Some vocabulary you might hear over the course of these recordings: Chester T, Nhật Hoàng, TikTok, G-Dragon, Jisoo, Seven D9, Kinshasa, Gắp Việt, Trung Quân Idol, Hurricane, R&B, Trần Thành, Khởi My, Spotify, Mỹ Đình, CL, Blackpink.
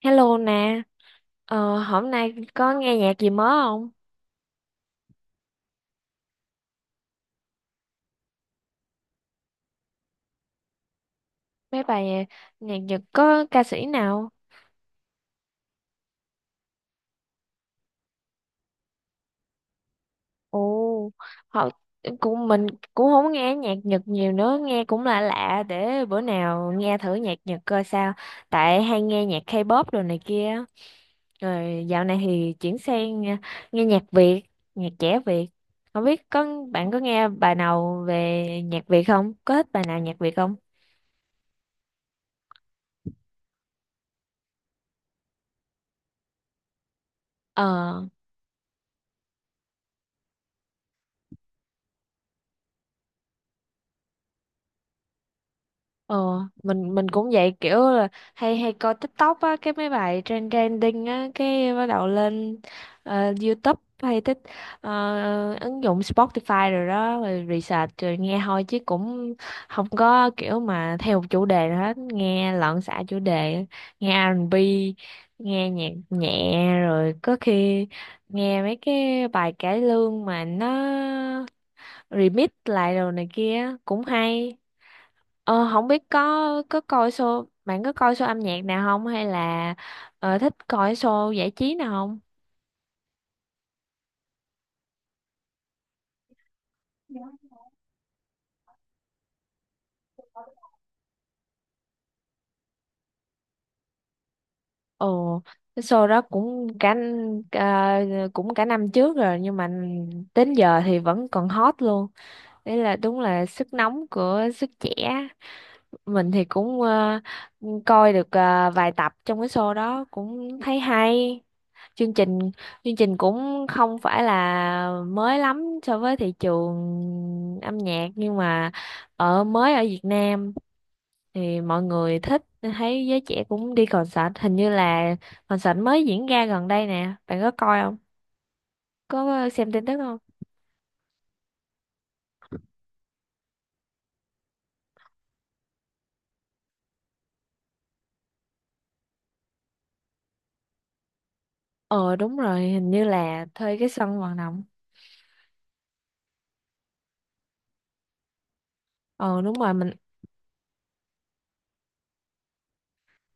Hello nè, hôm nay có nghe nhạc gì mới không? Mấy bài nhạc, nhạc Nhật có ca sĩ nào? Ồ, họ cũng mình cũng không nghe nhạc Nhật nhiều nữa, nghe cũng lạ lạ để bữa nào nghe thử nhạc Nhật coi sao. Tại hay nghe nhạc K-pop đồ này kia. Rồi dạo này thì chuyển sang nghe nhạc Việt, nhạc trẻ Việt. Không biết bạn có nghe bài nào về nhạc Việt không? Có thích bài nào nhạc Việt không? Ờ. Ờ, mình cũng vậy, kiểu là hay hay coi TikTok á, cái mấy bài trending á cái bắt đầu lên, YouTube hay thích ứng dụng Spotify rồi đó, rồi research rồi nghe thôi chứ cũng không có kiểu mà theo một chủ đề nào hết, nghe loạn xạ chủ đề, nghe R&B, nghe nhạc nhẹ, rồi có khi nghe mấy cái bài cải lương mà nó remix lại rồi này kia cũng hay. Ờ, không biết có coi show, bạn có coi show âm nhạc nào không hay là thích coi show giải trí nào không? Ồ, cái show đó cũng cả n- cũng cả năm trước rồi nhưng mà đến giờ thì vẫn còn hot luôn. Đấy là đúng là sức nóng của sức trẻ. Mình thì cũng coi được vài tập trong cái show đó cũng thấy hay. chương trình Chương trình cũng không phải là mới lắm so với thị trường âm nhạc, nhưng mà mới ở Việt Nam thì mọi người thích, thấy giới trẻ cũng đi concert, hình như là concert mới diễn ra gần đây nè, bạn có coi không, có xem tin tức không? Ờ đúng rồi, hình như là thuê cái sân vận động. Ờ đúng rồi,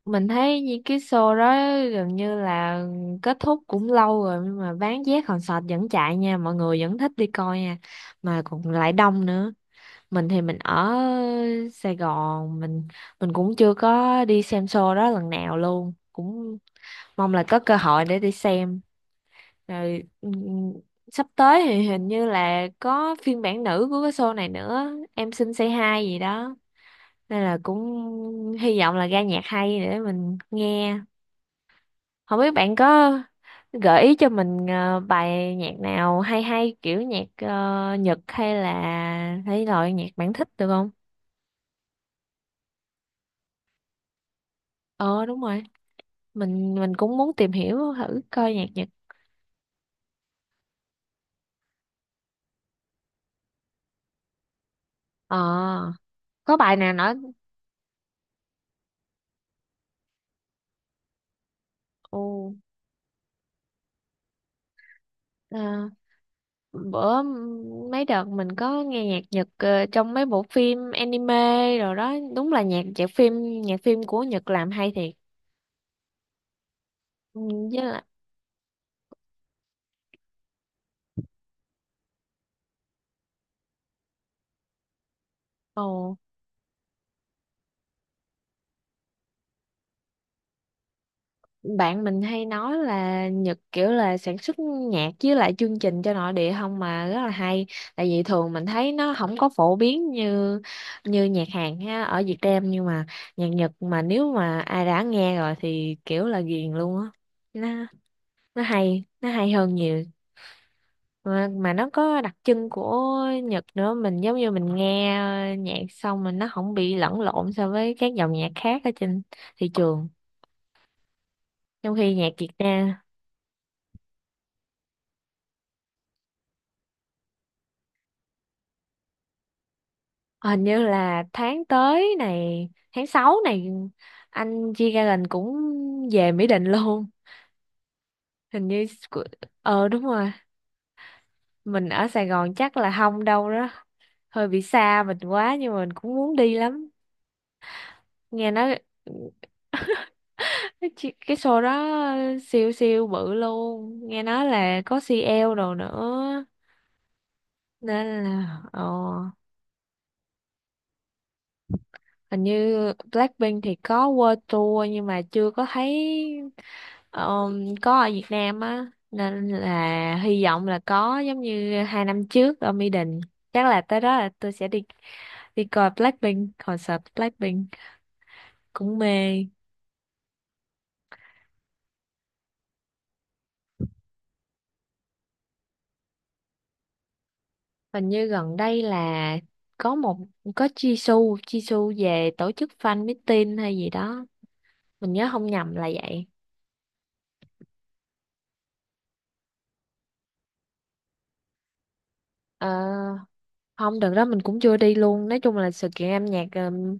mình thấy như cái show đó gần như là kết thúc cũng lâu rồi, nhưng mà bán vé concert vẫn chạy nha, mọi người vẫn thích đi coi nha, mà còn lại đông nữa. Mình ở Sài Gòn, mình cũng chưa có đi xem show đó lần nào luôn, cũng mong là có cơ hội để đi xem. Rồi sắp tới thì hình như là có phiên bản nữ của cái show này nữa, em xin say hi gì đó, nên là cũng hy vọng là ra nhạc hay để mình nghe. Không biết bạn có gợi ý cho mình bài nhạc nào hay hay kiểu nhạc Nhật hay là hay loại nhạc bạn thích được không? Ờ đúng rồi. Mình cũng muốn tìm hiểu thử coi nhạc Nhật. Ờ, có bài nào nói. Ồ, ờ, bữa mấy đợt mình có nghe nhạc Nhật trong mấy bộ phim anime rồi đó, đúng là nhạc nhạc phim của Nhật làm hay thiệt. Ừ, với lại. Ồ, bạn mình hay nói là Nhật kiểu là sản xuất nhạc với lại chương trình cho nội địa không mà rất là hay, tại vì thường mình thấy nó không có phổ biến như như nhạc Hàn ha ở Việt Nam, nhưng mà nhạc Nhật mà nếu mà ai đã nghe rồi thì kiểu là ghiền luôn á. nó nó hay, hơn nhiều mà nó có đặc trưng của Nhật nữa. Mình giống như mình nghe nhạc xong, mình nó không bị lẫn lộn so với các dòng nhạc khác ở trên thị trường, trong khi nhạc Việt Nam. Hình như là tháng tới này tháng 6 này, anh G-Dragon cũng về Mỹ Đình luôn, hình như của- ờ đúng rồi, mình ở Sài Gòn chắc là không đâu đó, hơi bị xa mình quá nhưng mà mình cũng muốn đi lắm, nghe nói cái show đó siêu siêu bự luôn, nghe nói là có CL đồ nữa nên là ờ. Hình như Blackpink thì có World Tour nhưng mà chưa có thấy. Ờ, có ở Việt Nam á nên là hy vọng là có giống như hai năm trước ở Mỹ Đình, chắc là tới đó là tôi sẽ đi, đi coi Blackpink. Concert Blackpink cũng mê. Hình như gần đây là có một có Jisoo Jisoo về tổ chức fan meeting hay gì đó, mình nhớ không nhầm là vậy. Ờ, không đợt đó mình cũng chưa đi luôn. Nói chung là sự kiện âm nhạc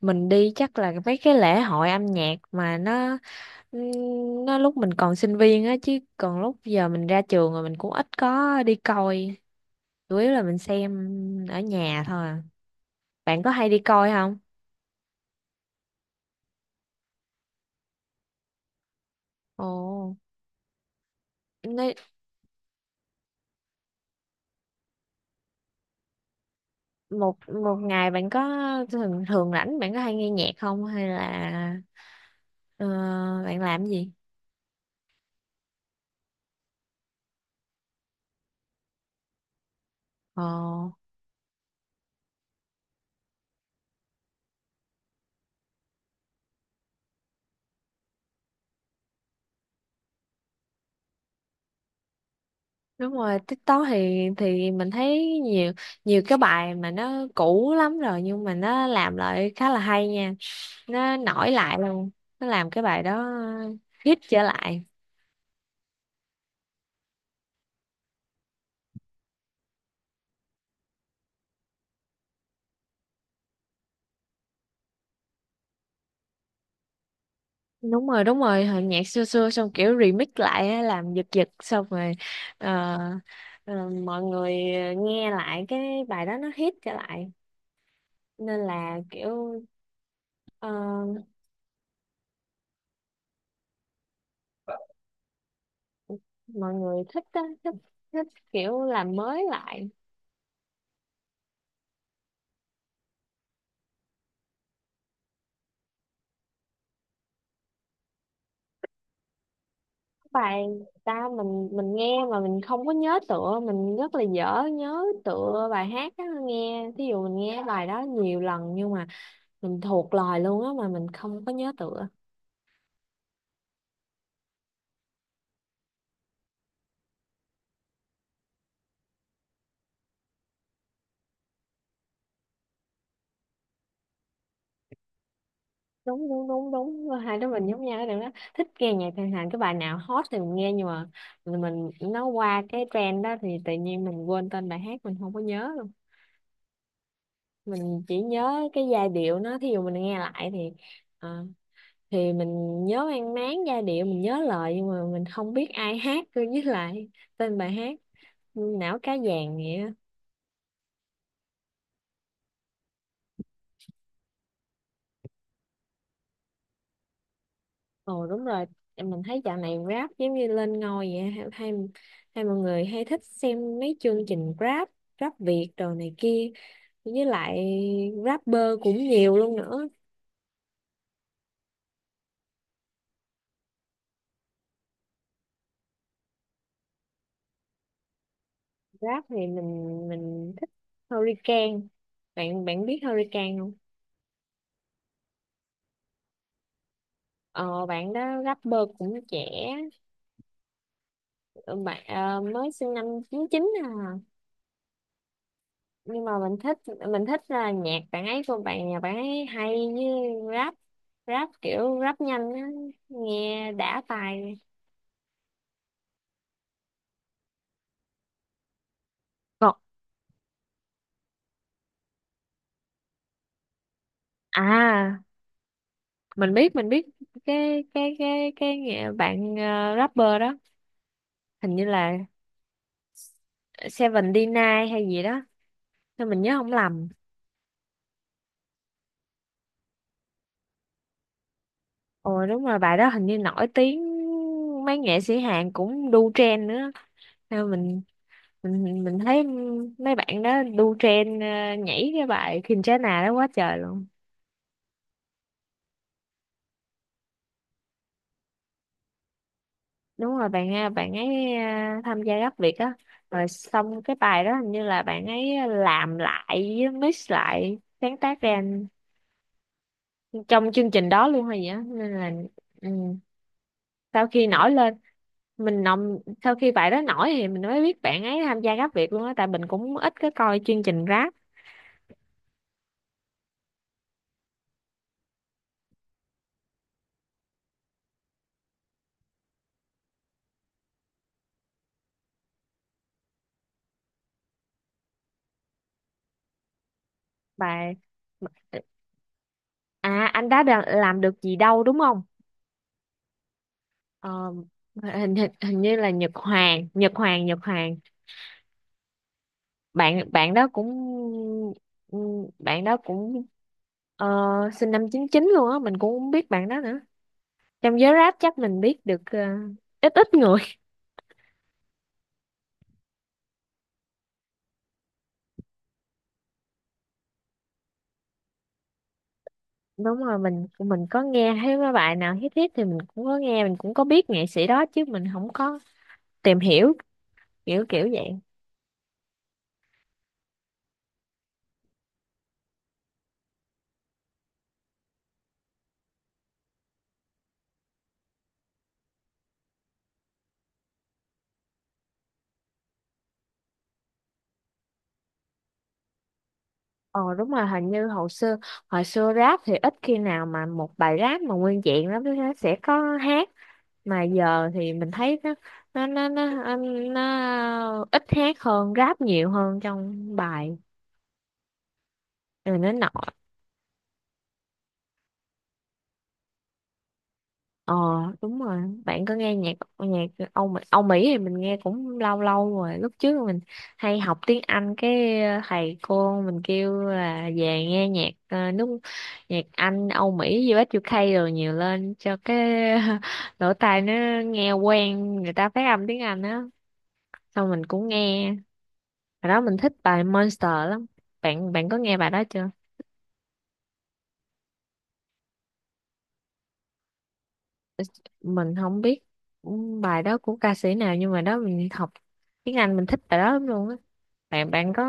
mình đi chắc là mấy cái lễ hội âm nhạc mà nó, nó lúc mình còn sinh viên á, chứ còn lúc giờ mình ra trường rồi mình cũng ít có đi coi, chủ yếu là mình xem ở nhà thôi à. Bạn có hay đi coi không? Ồ, nói. Một một ngày bạn có thường thường rảnh, bạn có hay nghe nhạc không hay là ờ, bạn làm cái gì? Ồ đúng rồi, TikTok thì mình thấy nhiều nhiều cái bài mà nó cũ lắm rồi nhưng mà nó làm lại khá là hay nha, nó nổi lại luôn, nó làm cái bài đó hit trở lại. Đúng rồi hồi nhạc xưa xưa xong kiểu remix lại á, làm giật giật xong rồi, ờ, mọi người nghe lại cái bài đó nó hit trở lại nên là kiểu ờ, mọi người thích á, thích thích kiểu làm mới lại bài. Ta mình mình nghe mà mình không có nhớ tựa, mình rất là dở nhớ tựa bài hát á, nghe thí dụ mình nghe bài đó nhiều lần nhưng mà mình thuộc lời luôn á, mà mình không có nhớ tựa. Đúng đúng đúng đúng hai đứa mình giống nhau cái điểm đó, thích nghe nhạc Trần Thành cái bài nào hot thì mình nghe, nhưng mà nó qua cái trend đó thì tự nhiên mình quên tên bài hát, mình không có nhớ luôn. Mình chỉ nhớ cái giai điệu nó, thí dụ mình nghe lại thì ờ, thì mình nhớ mang máng giai điệu, mình nhớ lời nhưng mà mình không biết ai hát với lại tên bài hát, não cá vàng vậy. Ồ đúng rồi, mình thấy dạo này rap giống như lên ngôi vậy, hay mọi người hay thích xem mấy chương trình rap, rap Việt đồ này kia, với lại rapper cũng nhiều luôn nữa. Rap thì mình thích Hurricane. Bạn bạn biết Hurricane không? Ờ, bạn đó rapper cũng trẻ, bạn mới sinh năm chín chín à. Nhưng mà mình thích Mình thích là nhạc bạn ấy của bạn, nhà bạn ấy hay, như rap rap kiểu rap nhanh á, nghe đã tài. Còn à, mình biết bạn rapper đó hình như là Seven D9 hay gì đó, sao mình nhớ không lầm. Ồ đúng rồi, bài đó hình như nổi tiếng, mấy nghệ sĩ Hàn cũng đu trend nữa. Nên mình thấy mấy bạn đó đu trend nhảy cái bài Kinshasa đó quá trời luôn. Đúng rồi, bạn ấy tham gia Gắp Việt á, rồi xong cái bài đó hình như là bạn ấy làm lại với mix lại, sáng tác ra trong chương trình đó luôn hay gì á, nên là ừ, sau khi nổi lên, mình nồng sau khi bài đó nổi thì mình mới biết bạn ấy tham gia Gắp Việt luôn á, tại mình cũng ít có coi chương trình rap. Bài à, làm được gì đâu đúng không. Ờ, hình, hình hình như là Nhật Hoàng. Bạn bạn đó cũng ừ, bạn đó cũng ờ, sinh năm chín chín luôn á, mình cũng không biết bạn đó nữa, trong giới rap chắc mình biết được ít ít người. Đúng rồi, mình có nghe thấy mấy bài nào hit hit thì mình cũng có nghe, mình cũng có biết nghệ sĩ đó chứ mình không có tìm hiểu, kiểu kiểu vậy. Ờ đúng rồi, hình như hồi xưa, rap thì ít khi nào mà một bài rap mà nguyên vẹn lắm, nó sẽ có hát, mà giờ thì mình thấy nó nó nó, nó ít hát hơn, rap nhiều hơn trong bài, rồi nó nọ. Ờ đúng rồi, bạn có nghe nhạc nhạc Âu Mỹ thì mình nghe cũng lâu lâu rồi, lúc trước mình hay học tiếng Anh cái thầy cô mình kêu là về nghe nhạc nhạc Anh, Âu Mỹ, US UK rồi nhiều lên cho cái lỗ tai nó nghe quen người ta phát âm tiếng Anh á, xong mình cũng nghe. Hồi đó mình thích bài Monster lắm. Bạn bạn có nghe bài đó chưa? Mình không biết bài đó của ca sĩ nào, nhưng mà đó mình học tiếng Anh mình thích bài đó lắm luôn á. Bạn bạn có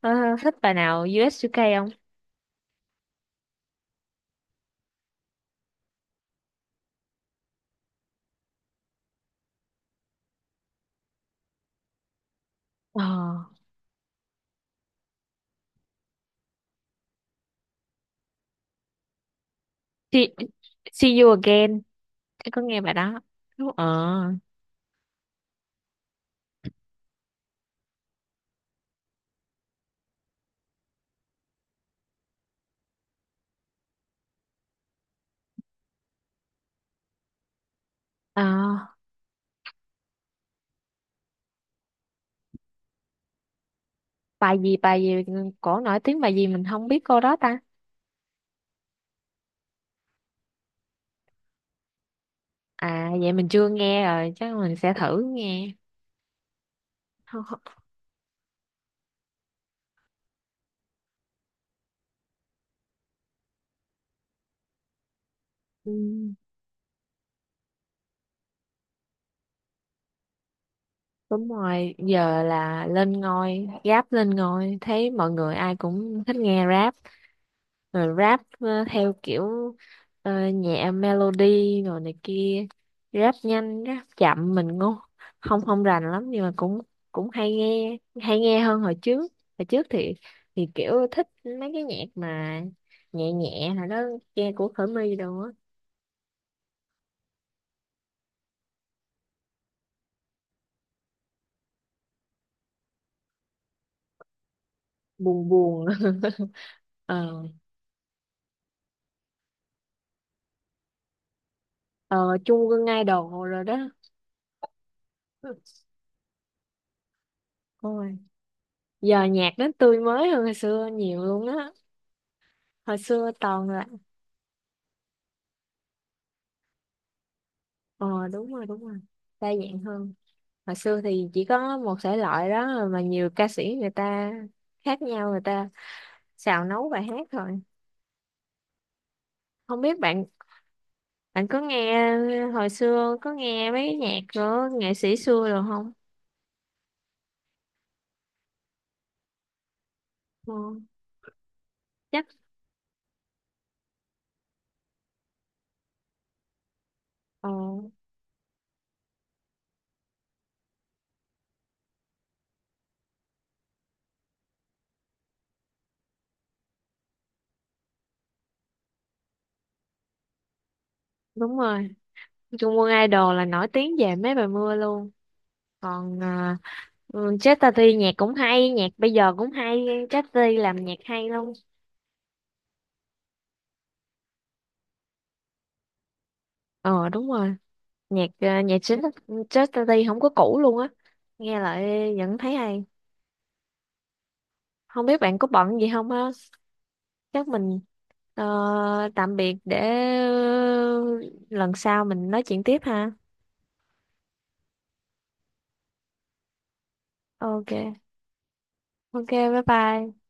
ờ, thích bài nào US UK không? Ờ. See, see you again. Em có nghe bài đó. Đúng. Ờ. Ờ, bài gì cổ nổi tiếng bài gì mình không biết cô đó ta. À vậy mình chưa nghe rồi, chắc mình sẽ thử nghe. Đúng rồi, giờ là lên ngôi, rap lên ngôi, thấy mọi người ai cũng thích nghe rap, rồi rap theo kiểu nhẹ melody rồi này kia, rap nhanh, rap chậm mình ngu, không không rành lắm nhưng mà cũng cũng hay nghe hơn hồi trước. Hồi trước thì kiểu thích mấy cái nhạc mà nhẹ nhẹ là đó, nghe của Khởi My đồ á, buồn buồn. ờ ờ chung Quân Idol rồi đó. Ôi. Giờ nhạc nó tươi mới hơn hồi xưa nhiều luôn á, hồi xưa toàn là. Đúng rồi đa dạng hơn, hồi xưa thì chỉ có một thể loại đó mà nhiều ca sĩ người ta khác nhau người ta xào nấu bài hát thôi. Không biết bạn bạn có nghe hồi xưa có nghe mấy nhạc của nghệ sĩ xưa rồi không? Ờ, chắc. Ờ đúng rồi, Trung Quân Idol là nổi tiếng về mấy bài mưa luôn. Còn à, ừ, Chester T nhạc cũng hay, nhạc bây giờ cũng hay, Chester T làm nhạc hay luôn. Ờ đúng rồi, nhạc à, nhạc chính Chester T không có cũ luôn á, nghe lại vẫn thấy hay. Không biết bạn có bận gì không á, chắc mình ờ, tạm biệt để ờ, lần sau mình nói chuyện tiếp ha. Ok Ok bye bye.